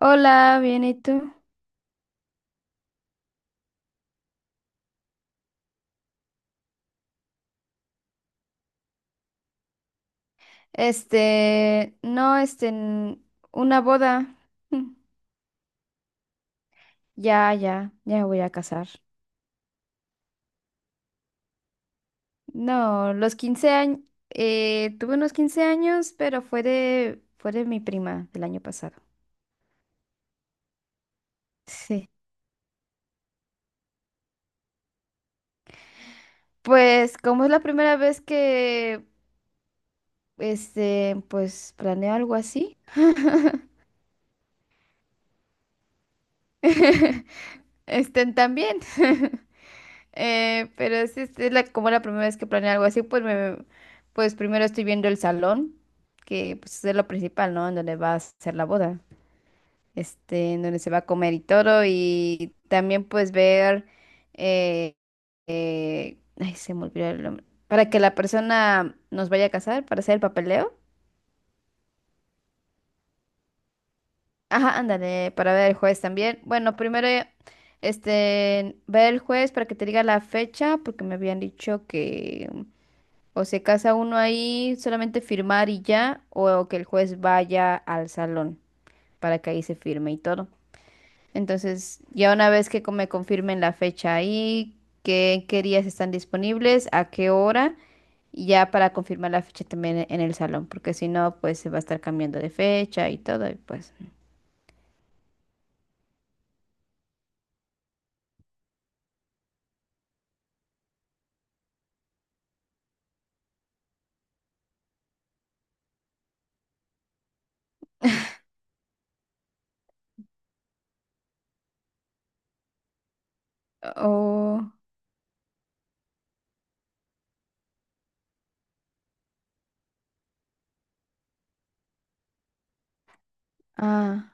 Hola, bien, ¿y tú? No, una boda. Mm. Ya, ya, ya me voy a casar. No, los 15 años, tuve unos 15 años, pero fue de mi prima del año pasado. Sí. Pues, como es la primera vez que, pues, planeo algo así, estén también. Pero es como la primera vez que planeo algo así, pues primero estoy viendo el salón, que pues es lo principal, ¿no? En donde va a ser la boda, en donde se va a comer y todo, y también pues ver, eh, ay, se me olvidó el nombre, para que la persona nos vaya a casar, para hacer el papeleo. Ajá, ándale, para ver el juez también. Bueno, primero, ver el juez para que te diga la fecha, porque me habían dicho que o se casa uno ahí, solamente firmar y ya, o que el juez vaya al salón para que ahí se firme y todo. Entonces, ya una vez que me confirmen la fecha ahí, qué días están disponibles, a qué hora, y ya para confirmar la fecha también en el salón, porque si no, pues se va a estar cambiando de fecha y todo, y pues. Oh, ah,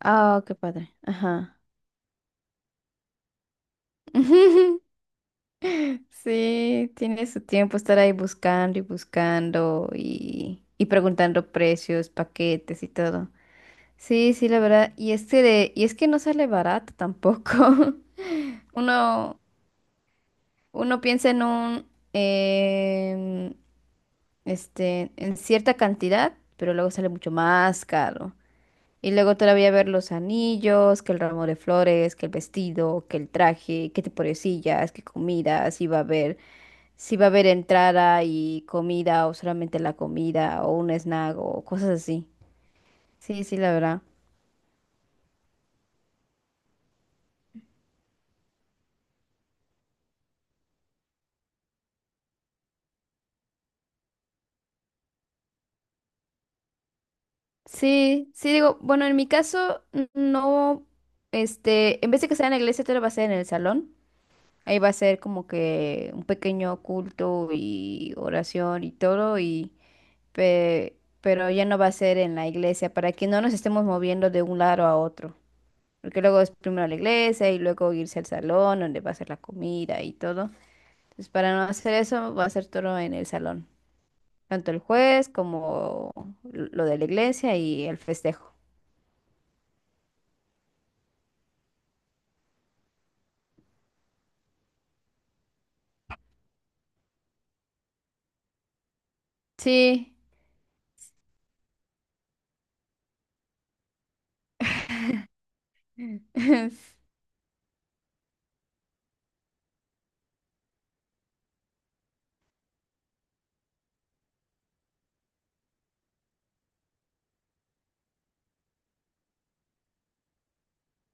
ah, qué padre. Ajá. Sí, tiene su tiempo estar ahí buscando y buscando y preguntando precios, paquetes y todo. Sí, sí, la verdad. Y es que no sale barato tampoco. Uno, uno piensa en un, em, este, en cierta cantidad, pero luego sale mucho más caro. Y luego todavía ver los anillos, que el ramo de flores, que el vestido, que el traje, que te pobrecillas, que comidas, y va a haber si va a haber entrada y comida o solamente la comida o un snack o cosas así. Sí, sí, la verdad. Sí, sí, digo, bueno, en mi caso no, en vez de que sea en la iglesia, todo va a ser en el salón. Ahí va a ser como que un pequeño culto y oración y todo, y pero ya no va a ser en la iglesia para que no nos estemos moviendo de un lado a otro. Porque luego es primero la iglesia y luego irse al salón donde va a ser la comida y todo. Entonces, para no hacer eso, va a ser todo en el salón. Tanto el juez como lo de la iglesia y el festejo. Sí, sí,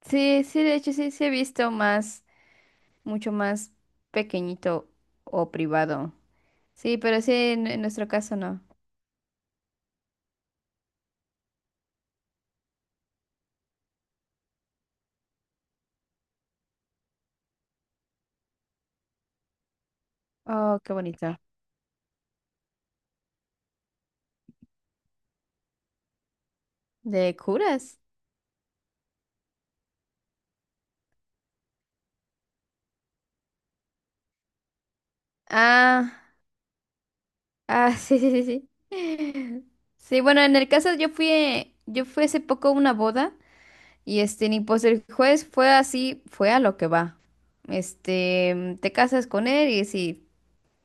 sí, de hecho sí he visto mucho más pequeñito o privado. Sí, pero sí, en nuestro caso no. Oh, qué bonito. ¿De curas? Ah, ah, sí, sí, sí, sí. Sí, bueno, en el caso yo fui hace poco a una boda. Y ni pues el juez fue así, fue a lo que va. Te casas con él y si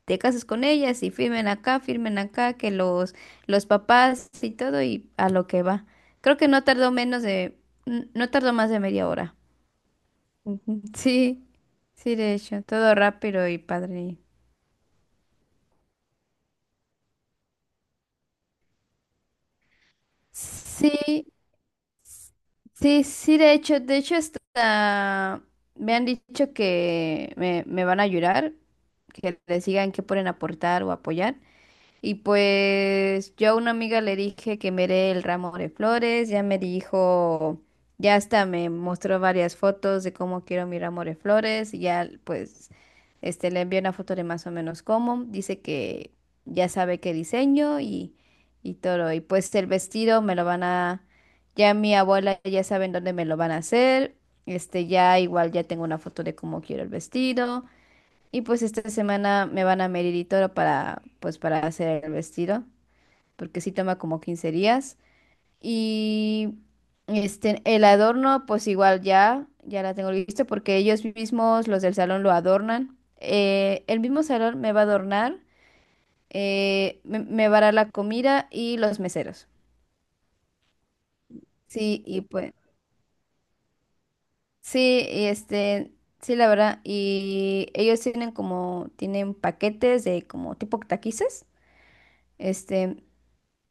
te casas con ella, si firmen acá, firmen acá, que los papás y todo y a lo que va. Creo que no tardó menos de, n- no tardó más de media hora. Ujú. Sí, sí, de hecho, todo rápido y padre. Sí, sí, sí, de hecho, hasta me han dicho que me van a ayudar, que les digan qué pueden aportar o apoyar. Y pues yo a una amiga le dije que me dé el ramo de flores, ya me dijo, ya hasta me mostró varias fotos de cómo quiero mi ramo de flores, y ya pues le envié una foto de más o menos cómo, dice que ya sabe qué diseño y todo, y pues el vestido me lo van a, ya mi abuela ya saben dónde me lo van a hacer, ya igual ya tengo una foto de cómo quiero el vestido. Y pues esta semana me van a medir y todo pues para hacer el vestido, porque sí toma como 15 días. Y el adorno, pues igual ya la tengo lista porque ellos mismos, los del salón, lo adornan. El mismo salón me va a adornar, me va a dar la comida y los meseros. Sí, y pues, sí, sí, la verdad. Y ellos tienen paquetes de como tipo taquices. Este,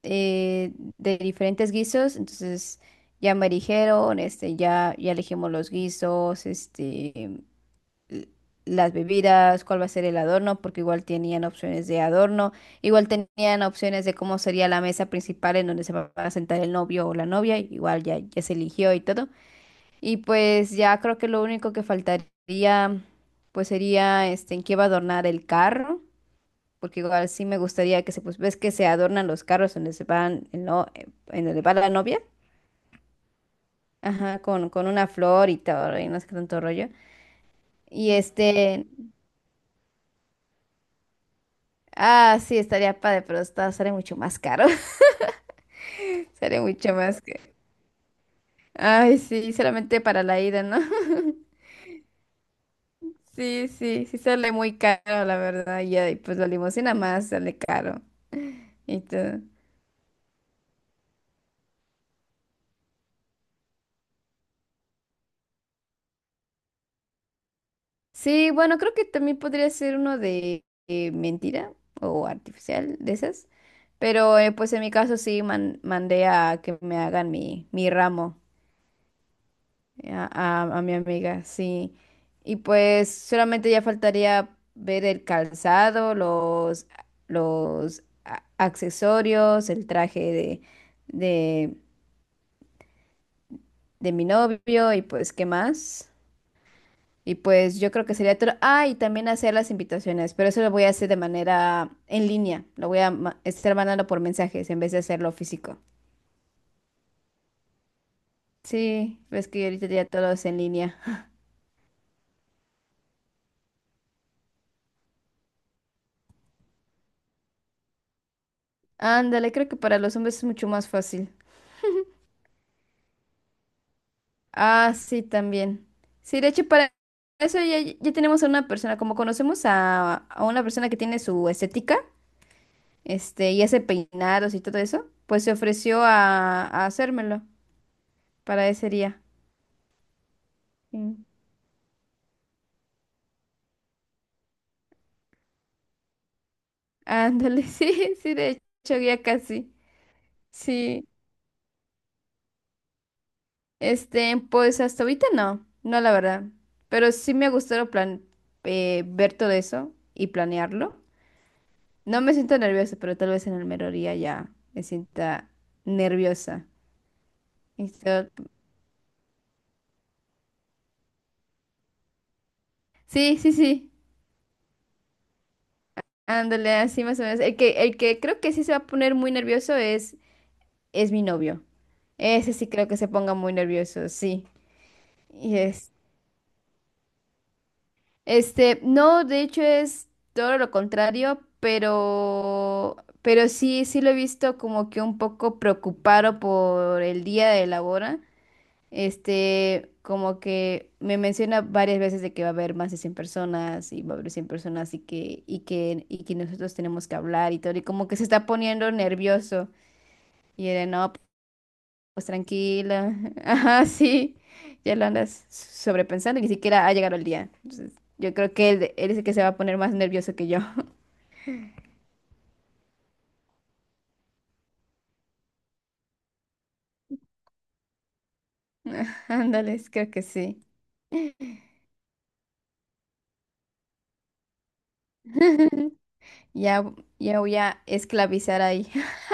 eh, de diferentes guisos, entonces ya me dijeron, ya elegimos los guisos, l- las bebidas, cuál va a ser el adorno, porque igual tenían opciones de adorno, igual tenían opciones de cómo sería la mesa principal en donde se va a sentar el novio o la novia, igual ya se eligió y todo. Y pues ya creo que lo único que faltaría, pues sería, en qué va a adornar el carro porque igual sí me gustaría pues, ves que se adornan los carros donde se van, el no en donde va la novia, ajá, con una flor y todo, y no sé qué tanto rollo. Y ah, sí, estaría padre, pero sale mucho más caro, sale mucho más que, ay, sí, solamente para la ida, ¿no? Sí, sí, sí sale muy caro, la verdad, y ahí, pues la limusina más sale caro y todo. Sí, bueno, creo que también podría ser uno de mentira o artificial de esas. Pero pues en mi caso sí mandé a que me hagan mi ramo a mi amiga, sí. Y pues solamente ya faltaría ver el calzado, accesorios, el traje de, de mi novio y pues qué más. Y pues yo creo que sería todo. Ah, y también hacer las invitaciones, pero eso lo voy a hacer de manera en línea. Lo voy a estar mandando por mensajes en vez de hacerlo físico. Sí, ves que ahorita ya todo es en línea. Ándale, creo que para los hombres es mucho más fácil. Ah, sí, también. Sí, de hecho, para eso ya tenemos a una persona, como conocemos a una persona que tiene su estética, y hace peinados y todo eso, pues se ofreció a hacérmelo para ese día. Sí. Ándale, sí, sí, de hecho ya casi. Sí, pues hasta ahorita no la verdad. Pero sí me ha gustado plan ver todo eso y planearlo. No me siento nerviosa, pero tal vez en el mero día ya me sienta nerviosa. Esto- Sí, sí, sí. Ándale, así más o menos. El que creo que sí se va a poner muy nervioso es mi novio. Ese sí creo que se ponga muy nervioso, sí. y no, de hecho es todo lo contrario, pero sí lo he visto como que un poco preocupado por el día de la boda. Como que me menciona varias veces de que va a haber más de 100 personas y va a haber 100 personas y que nosotros tenemos que hablar y todo, y como que se está poniendo nervioso. No, pues tranquila. Ajá, sí. Ya lo andas sobrepensando y ni siquiera ha llegado el día. Entonces, yo creo que él es el que se va a poner más nervioso que yo. Ándale, creo que sí. Ya, ya voy a esclavizar ahí.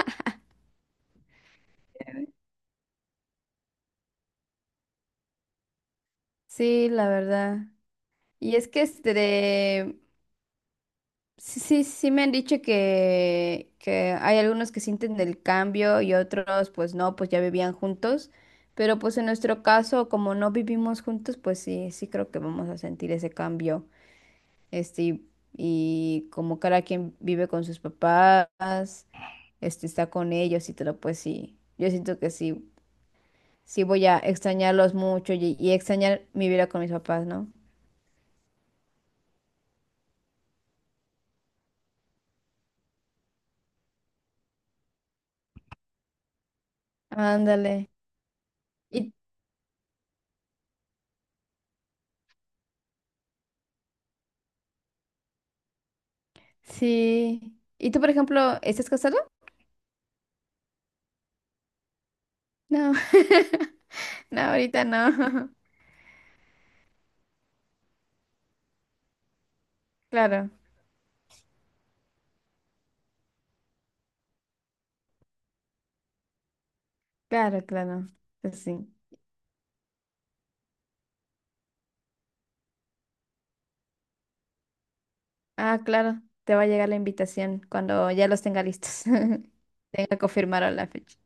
Sí, la verdad. Y es que sí, sí, sí me han dicho que hay algunos que sienten el cambio y otros pues no, pues ya vivían juntos, pero pues en nuestro caso, como no vivimos juntos, pues sí creo que vamos a sentir ese cambio. Este, y, y como cada quien vive con sus papás, está con ellos y todo, pues sí, yo siento que sí voy a extrañarlos mucho y extrañar mi vida con mis papás, ¿no? Ándale. Y sí. ¿Y tú, por ejemplo, estás casado? No, no, ahorita no. Claro, claro, claro. Pues sí. Ah, claro, te va a llegar la invitación cuando ya los tenga listos. Tenga que confirmar la fecha.